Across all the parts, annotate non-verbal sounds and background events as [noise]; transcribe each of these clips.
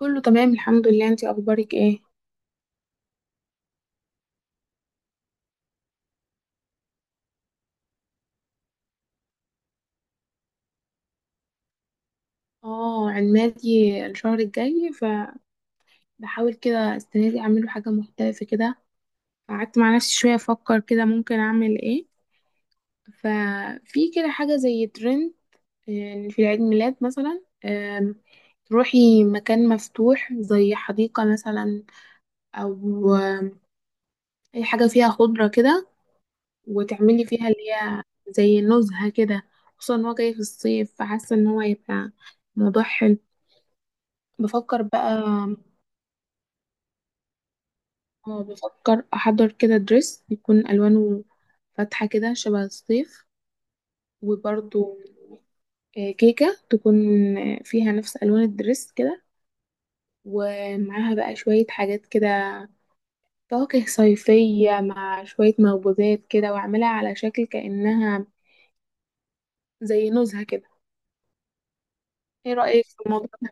كله تمام الحمد لله، انتي اخبارك ايه؟ اه عمادي الشهر الجاي، فبحاول كده السنه دي اعمله حاجه مختلفه كده. قعدت مع نفسي شويه افكر كده ممكن اعمل ايه. ففي كده حاجه زي ترند. في العيد ميلاد مثلا تروحي مكان مفتوح زي حديقه مثلا، او آم، اي حاجه فيها خضره كده، وتعملي فيها اللي هي زي نزهه كده. خصوصا ان هو جاي في الصيف، فحاسه ان هو هيبقى موضوع حلو. بفكر بقى. اه بفكر احضر كده دريس يكون الوانه فاتحه كده شبه الصيف، وبرضو كيكه تكون فيها نفس الوان الدريس كده، ومعاها بقى شويه حاجات كده، فواكه صيفيه مع شويه مخبوزات كده، واعملها على شكل كانها زي نزهه كده. ايه رايك في الموضوع ده؟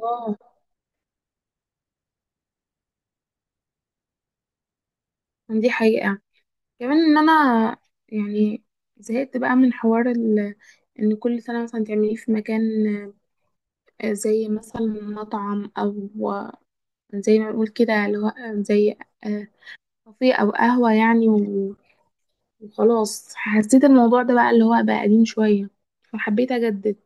اه دي حقيقه، كمان ان انا يعني زهقت بقى من ان كل سنه مثلا تعمليه في مكان، زي مثلا مطعم، او زي ما بنقول كده اللي هو آه، زي آه، كافيه او قهوة يعني، وخلاص حسيت الموضوع ده بقى اللي هو بقى قديم شوية، فحبيت اجدد.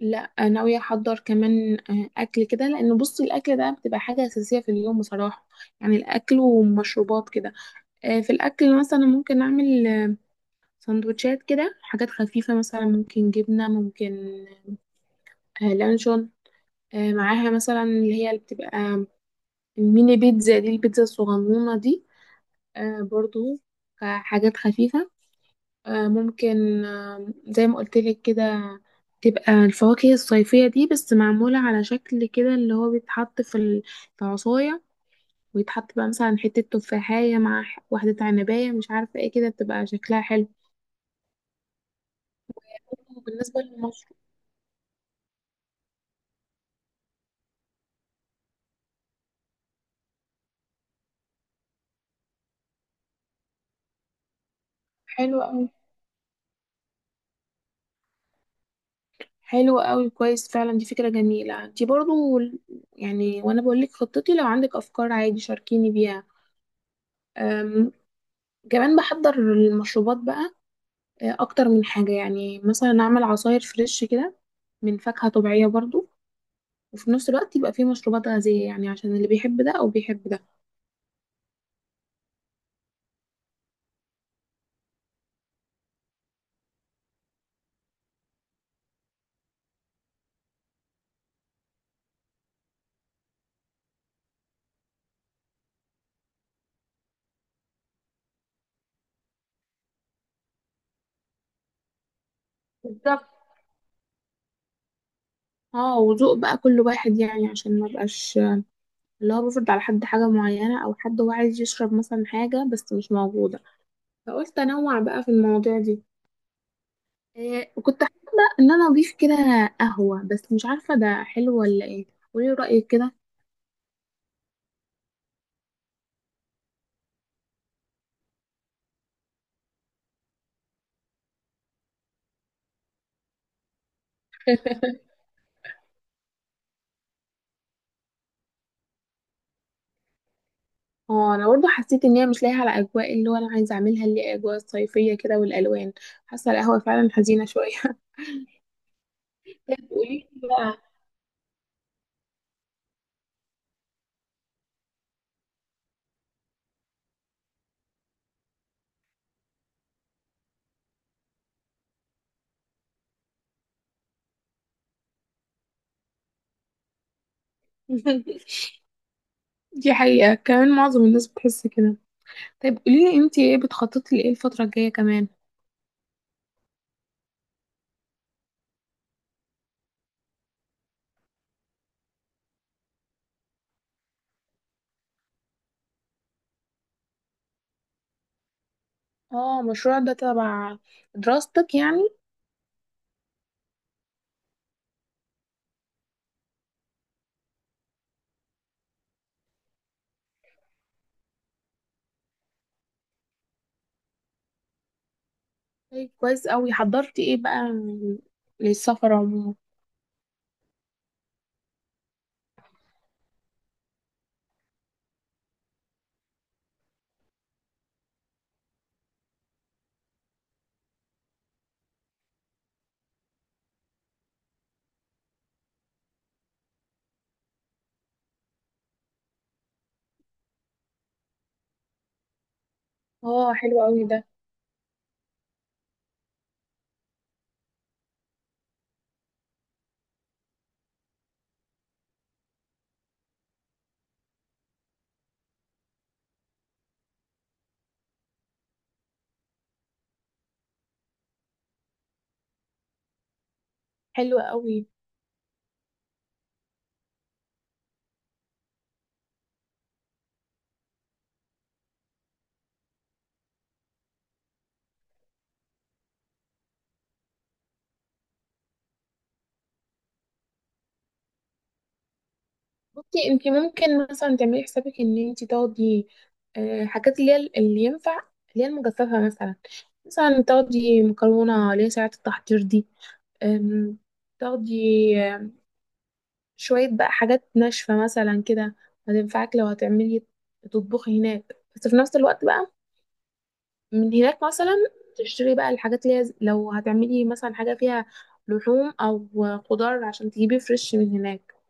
لا ناوية احضر كمان اكل كده، لان بصي الاكل ده بتبقى حاجة اساسية في اليوم بصراحة. يعني الاكل ومشروبات كده. في الاكل مثلا ممكن اعمل سندوتشات كده، حاجات خفيفة مثلا، ممكن جبنة، ممكن لانشون، معاها مثلا اللي هي اللي بتبقى الميني بيتزا دي، البيتزا الصغنونة دي، آه برضو كحاجات خفيفة. آه ممكن آه زي ما قلتلك كده تبقى الفواكه الصيفية دي، بس معمولة على شكل كده اللي هو بيتحط في في عصاية، ويتحط بقى مثلا حتة تفاحية مع واحدة عنباية، مش عارفة ايه كده، بتبقى شكلها حلو. بالنسبة للمشروب، حلو أوي. حلو أوي، كويس، فعلا دي فكرة جميلة دي برضو. يعني وأنا بقولك خطتي، لو عندك أفكار عادي شاركيني بيها. كمان بحضر المشروبات بقى اكتر من حاجة، يعني مثلا اعمل عصاير فريش كده من فاكهة طبيعية برضو، وفي نفس الوقت يبقى فيه مشروبات غازية، يعني عشان اللي بيحب ده او بيحب ده. بالظبط. اه وذوق بقى كل واحد، يعني عشان ما بقاش اللي هو بفرض على حد حاجة معينة، او حد هو عايز يشرب مثلا حاجة بس مش موجودة، فقلت انوع بقى في المواضيع دي. إيه وكنت حابة ان انا اضيف كده قهوة، بس مش عارفة ده حلو ولا ايه. قولي رأيك كده. [laughs] اه انا برضه حسيت ان هي مش لايقه على اجواء اللي هو انا عايزه اعملها، اللي هي اجواء الصيفيه كده والالوان. حاسه القهوه فعلا حزينه شويه. [laughs] قولي لي بقى. [laughs] دي حقيقه، كمان معظم الناس بتحس كده. طيب قولي لي انتي ايه بتخططي لايه الفتره الجايه كمان؟ اه المشروع ده تبع دراستك يعني؟ طيب كويس قوي. حضرتي ايه بقى للسفر عموما؟ اه حلو قوي ده. حلو قوي. بصي انت ممكن مثلا تعملي حسابك ان انت تاخدي حاجات اللي هي اللي ينفع، اللي هي المجففه مثلا. مثلا تاخدي مكرونه اللي هي ساعه التحضير دي، آم، تاخدي آم، شويه بقى حاجات ناشفه مثلا كده، هتنفعك لو هتعملي تطبخي هناك. بس في نفس الوقت بقى من هناك مثلا تشتري بقى الحاجات اللي هي لو هتعملي مثلا حاجه فيها لحوم، او خضار، عشان تجيبي فريش من هناك.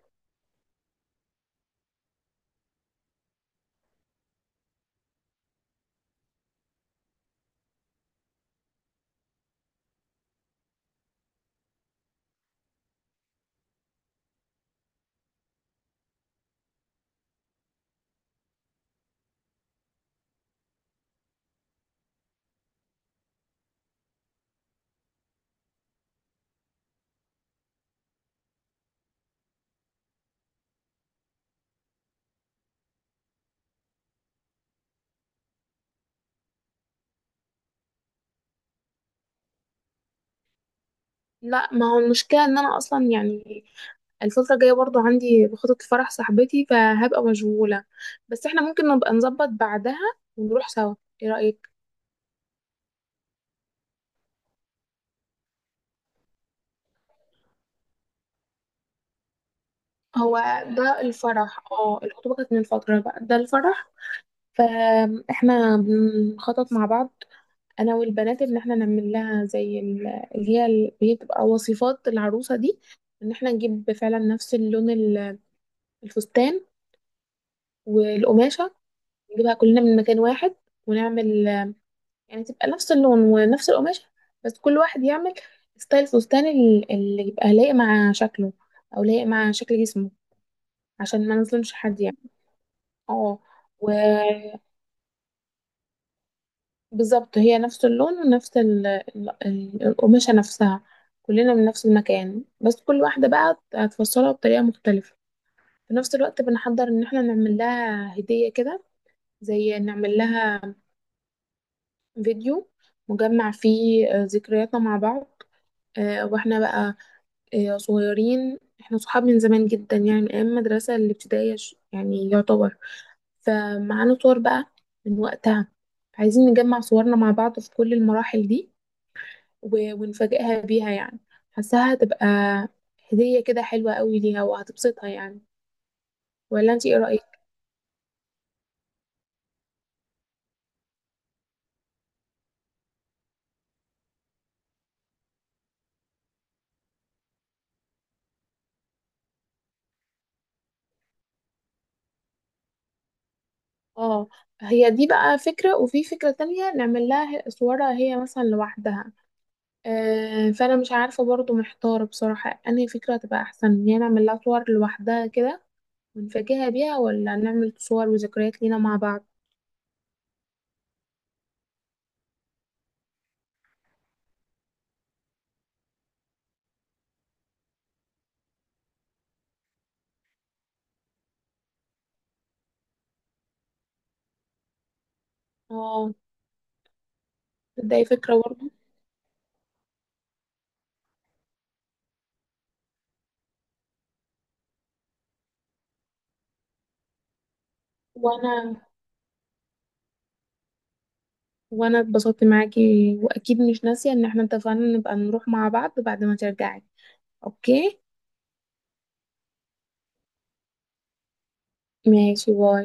لا ما هو المشكلة ان انا اصلا يعني الفترة الجاية برضو عندي بخطط فرح صاحبتي، فهبقى مشغولة. بس احنا ممكن نبقى نظبط بعدها ونروح سوا. ايه رأيك؟ هو ده الفرح. اه الخطوبة كانت من فترة بقى، ده الفرح. فاحنا بنخطط مع بعض، انا والبنات، ان احنا نعمل لها اللي هي اللي هي بتبقى وصفات العروسة دي. ان احنا نجيب فعلا نفس الفستان والقماشة، نجيبها كلنا من مكان واحد، ونعمل يعني تبقى نفس اللون ونفس القماشة، بس كل واحد يعمل ستايل فستان اللي يبقى لايق مع شكله، او لايق مع شكل جسمه، عشان ما نظلمش حد يعني. اه وبالظبط هي نفس اللون ونفس القماشة نفسها، كلنا من نفس المكان، بس كل واحدة بقى هتفصلها بطريقة مختلفة. في نفس الوقت بنحضر ان احنا نعمل لها هدية كده، زي نعمل لها فيديو مجمع فيه ذكرياتنا مع بعض. واحنا بقى صغيرين، احنا صحاب من زمان جدا يعني من ايام المدرسة الابتدائية، يعني يعتبر. فمعانا صور بقى من وقتها، عايزين نجمع صورنا مع بعض في كل المراحل دي، ونفاجئها بيها يعني. حاساها هتبقى هدية كده حلوة قوي ليها، وهتبسطها يعني. ولا انت ايه رأيك؟ اه هي دي بقى فكرة، وفي فكرة تانية نعمل لها صورها هي مثلا لوحدها. فانا مش عارفه برضو، محتاره بصراحه انهي فكره تبقى احسن، ان هي نعمل لها صور لوحدها كده ونفاجئها بيها، ولا نعمل صور وذكريات لينا مع بعض. اه ده أي فكره برضو. وانا وانا اتبسطت معاكي. واكيد مش ناسيه ان احنا اتفقنا نبقى نروح مع بعض بعد ما ترجعي. اوكي ماشي باي.